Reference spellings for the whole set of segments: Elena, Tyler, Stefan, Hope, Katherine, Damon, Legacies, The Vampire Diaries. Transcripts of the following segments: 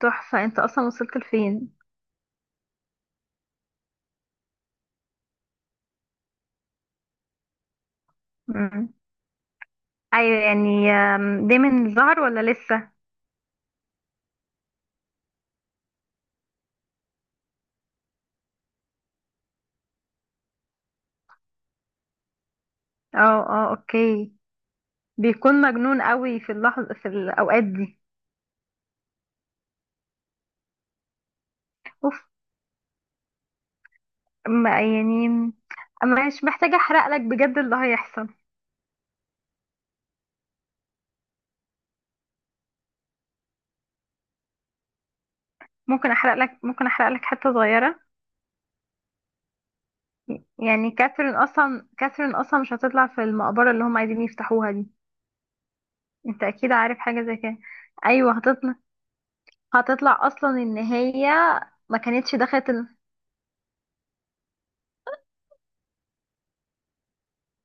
تحفة انت اصلا وصلت لفين؟ مم. ايوه يعني ده من الظهر ولا لسه؟ اه. اه اوكي. بيكون مجنون قوي في اللحظة في الاوقات دي. اوف. ما يعني، أما مش محتاجة احرق لك بجد اللي هيحصل. ممكن احرق لك حتة صغيرة. يعني كاثرين اصلا مش هتطلع في المقبرة اللي هم عايزين يفتحوها دي. انت اكيد عارف حاجة زي كده. ايوه هتطلع اصلا، ان هي ما كانتش دخلت.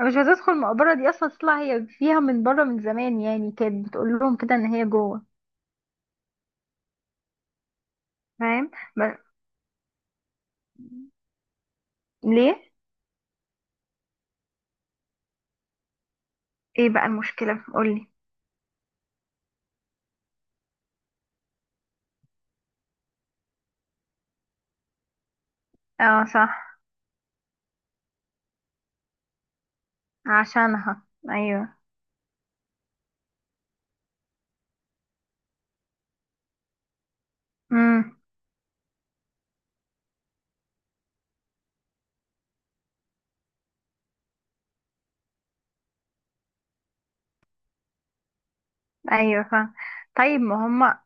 أنا مش عايزة ادخل المقبرة دي اصلا، تطلع هي فيها من بره من زمان، يعني كانت بتقول لهم كده ان هي جوه. فاهم. ب- ليه؟ ايه بقى المشكلة قولي. اه صح، عشانها. ايوه. امم. ايوه فاهم. طيب ما هما،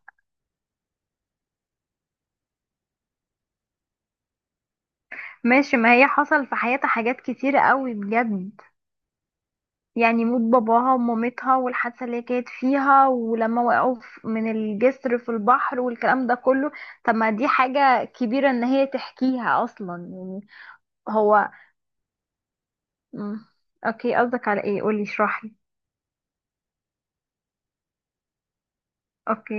ماشي، ما هي حصل في حياتها حاجات كتيرة قوي بجد. يعني موت باباها ومامتها والحادثة اللي هي كانت فيها ولما وقعوا من الجسر في البحر والكلام ده كله. طب ما دي حاجة كبيرة ان هي تحكيها اصلا يعني. هو مم. اوكي قصدك على ايه؟ قولي اشرحلي. اوكي.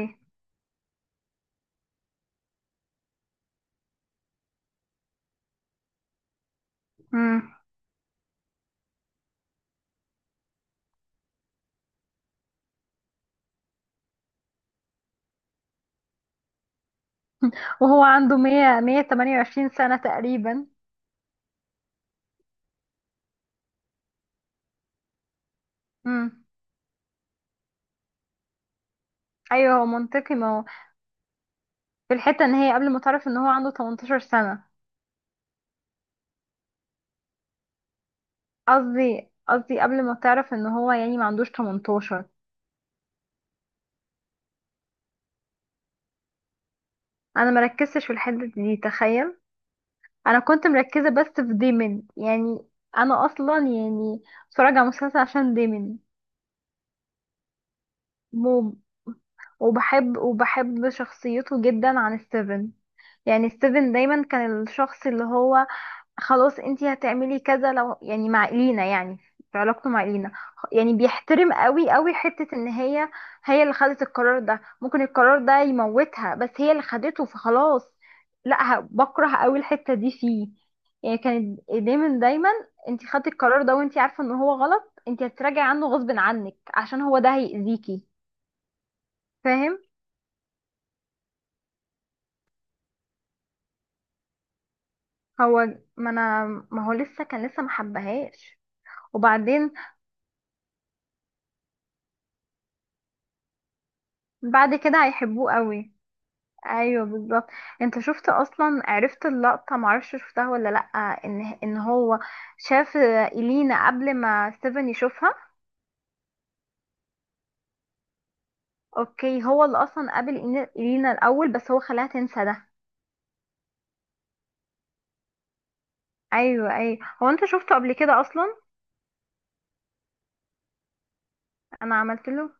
مم. وهو عنده 100 128 سنة تقريبا. مم. ايوه هو منطقي، ما هو في الحتة ان هي قبل ما تعرف ان هو عنده 18 سنة. قصدي، قبل ما تعرف ان هو يعني ما عندوش 18. انا مركزتش في الحتة دي تخيل. انا كنت مركزة بس في ديمن يعني. انا اصلا يعني بتفرج على مسلسل عشان ديمن. موم. وبحب شخصيته جدا عن السيفن. يعني ستيفن دايما كان الشخص اللي هو، خلاص انتي هتعملي كذا لو يعني مع إلينا يعني، في علاقته مع إلينا. يعني بيحترم قوي قوي حتة ان هي، هي اللي خدت القرار ده، ممكن القرار ده يموتها بس هي اللي خدته فخلاص. لا بكره قوي الحتة دي فيه. يعني كانت دايما دايما، انتي خدتي القرار ده وانتي عارفة ان هو غلط، انتي هتراجعي عنه غصب عنك عشان هو ده هيأذيكي. فاهم. هو ما انا، ما هو لسه كان لسه محبهاش. وبعدين بعد كده هيحبوه قوي. ايوه بالظبط. انت شفت اصلا، عرفت اللقطه؟ معرفش شفتها ولا لا، ان هو شاف الينا قبل ما ستيفن يشوفها. اوكي، هو اللي اصلا قابل الينا الاول، بس هو خلاها تنسى ده. ايوه ايوه، هو انت شفته قبل كده اصلا. انا عملت له،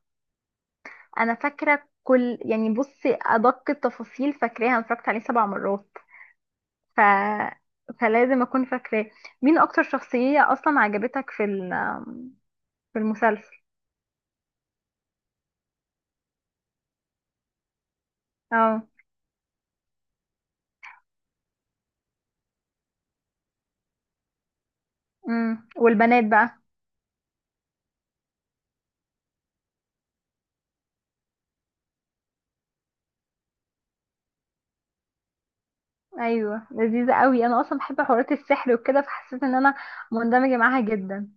انا فاكره كل، يعني بصي ادق التفاصيل فاكراها، انا اتفرجت عليه سبع مرات. ف فلازم اكون فاكراه. مين اكتر شخصيه اصلا عجبتك في في المسلسل؟ اه. امم، والبنات بقى؟ ايوه لذيذه قوي، انا اصلا بحب حوارات السحر وكده، فحسيت ان انا مندمجه معاها جدا.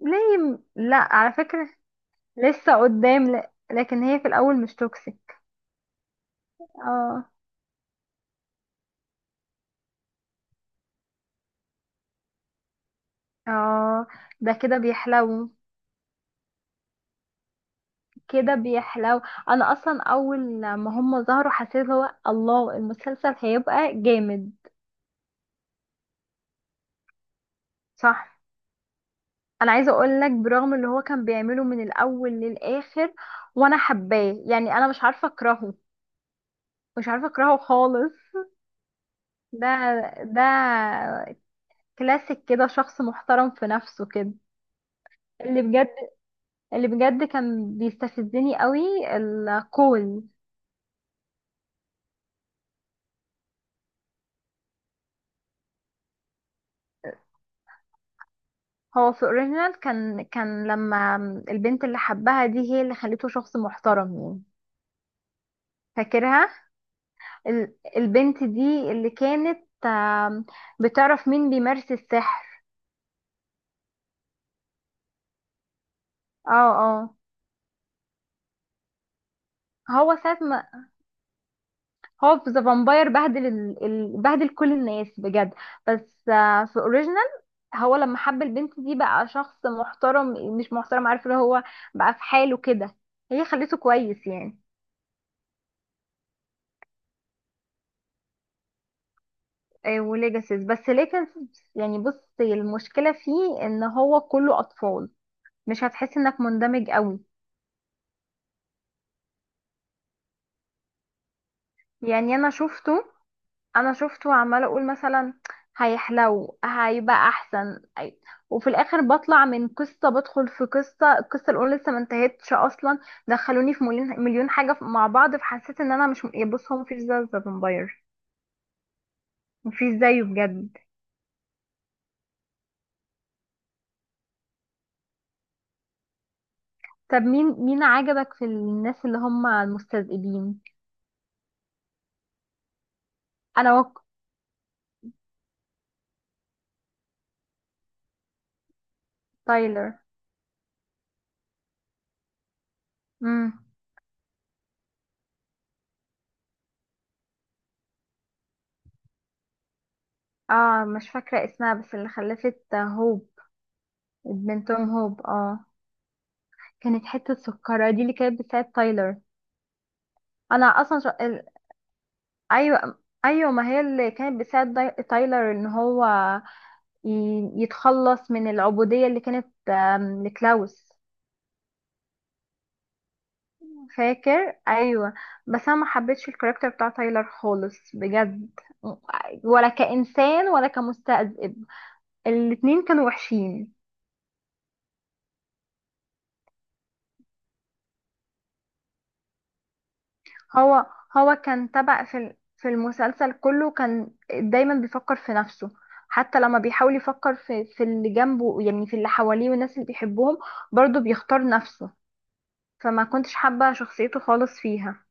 ليه؟ لا على فكره لسه قدام لكن هي في الاول مش توكسيك. اه. اه ده كده بيحلو، كده بيحلو. انا اصلا اول ما هم ظهروا حسيت، هو الله، المسلسل هيبقى جامد. صح. انا عايزه اقول لك، برغم اللي هو كان بيعمله من الاول للاخر، وانا حباه، يعني انا مش عارفه اكرهه، مش عارفة اكرهه خالص. ده ده كلاسيك كده، شخص محترم في نفسه كده. اللي بجد اللي بجد كان بيستفزني قوي، الكول. هو في اوريجينال كان لما البنت اللي حبها دي، هي اللي خليته شخص محترم يعني. فاكرها؟ البنت دي اللي كانت بتعرف مين بيمارس السحر. اه. اه هو ساعة ما، هو في ذا فامباير بهدل بهدل كل الناس بجد. بس في اوريجينال، هو لما حب البنت دي بقى شخص محترم، مش محترم عارف، اللي هو بقى في حاله كده، هي خليته كويس يعني. وليجاسيس، بس ليجاسيس يعني بصي المشكلة فيه ان هو كله اطفال، مش هتحس انك مندمج قوي. يعني انا شفته، عمالة اقول مثلا هيحلو هيبقى احسن وفي الاخر بطلع من قصة بدخل في قصة، القصة الاولى لسه ما انتهتش اصلا، دخلوني في مليون مليون حاجة مع بعض، فحسيت ان انا مش، بص هو مفيش ذا فامباير، مفيش زيه بجد. طب مين عجبك في الناس اللي هم المستذئبين؟ انا وك تايلر. امم. اه مش فاكره اسمها، بس اللي خلفت هوب، بنتهم هوب اه. كانت حته سكره دي اللي كانت بتساعد تايلر. انا اصلا ايوه ايوه، ما هي اللي كانت بتساعد تايلر ان هو ي... يتخلص من العبوديه اللي كانت لكلاوس. فاكر؟ ايوه. بس انا ما حبيتش الكاركتر بتاع تايلر خالص بجد، ولا كانسان ولا كمستذئب، الاتنين كانوا وحشين. هو هو كان تبع في في المسلسل كله، كان دايما بيفكر في نفسه. حتى لما بيحاول يفكر في اللي جنبه، يعني في اللي حواليه والناس اللي بيحبهم، برضه بيختار نفسه. فما كنتش حابة شخصيته خالص فيها.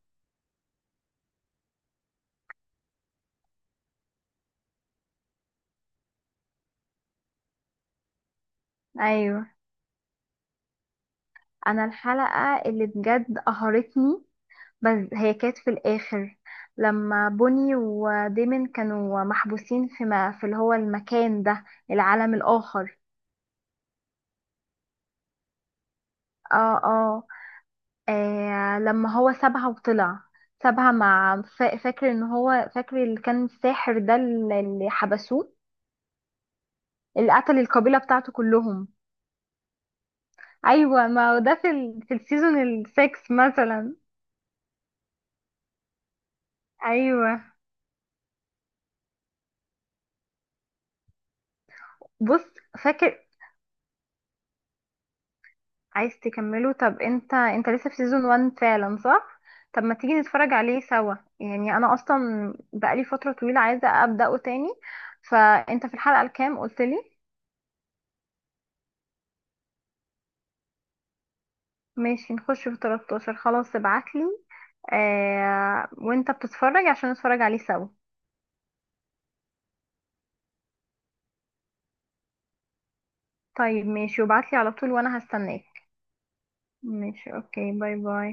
ايوه. انا الحلقة اللي بجد قهرتني، بس هي كانت في الآخر، لما بوني وديمن كانوا محبوسين في ما في اللي هو المكان ده، العالم الآخر. اه. اه. لما هو سابها وطلع، سابها مع فاكر ان هو، فاكر اللي كان الساحر ده اللي حبسوه، اللي قتل القبيلة بتاعته كلهم. ايوه ما هو ده في في السيزون السكس مثلا. ايوه. بص. فاكر عايز تكمله؟ طب انت لسه في سيزون 1 فعلا صح؟ طب ما تيجي نتفرج عليه سوا، يعني انا اصلا بقالي فترة طويلة عايزة ابدأه تاني. فانت في الحلقة الكام قلت لي؟ ماشي نخش في 13 خلاص، ابعتلي آه وانت بتتفرج عشان نتفرج عليه سوا. طيب ماشي، وابعتلي على طول وانا هستناك. ماشي، اوكي، باي باي.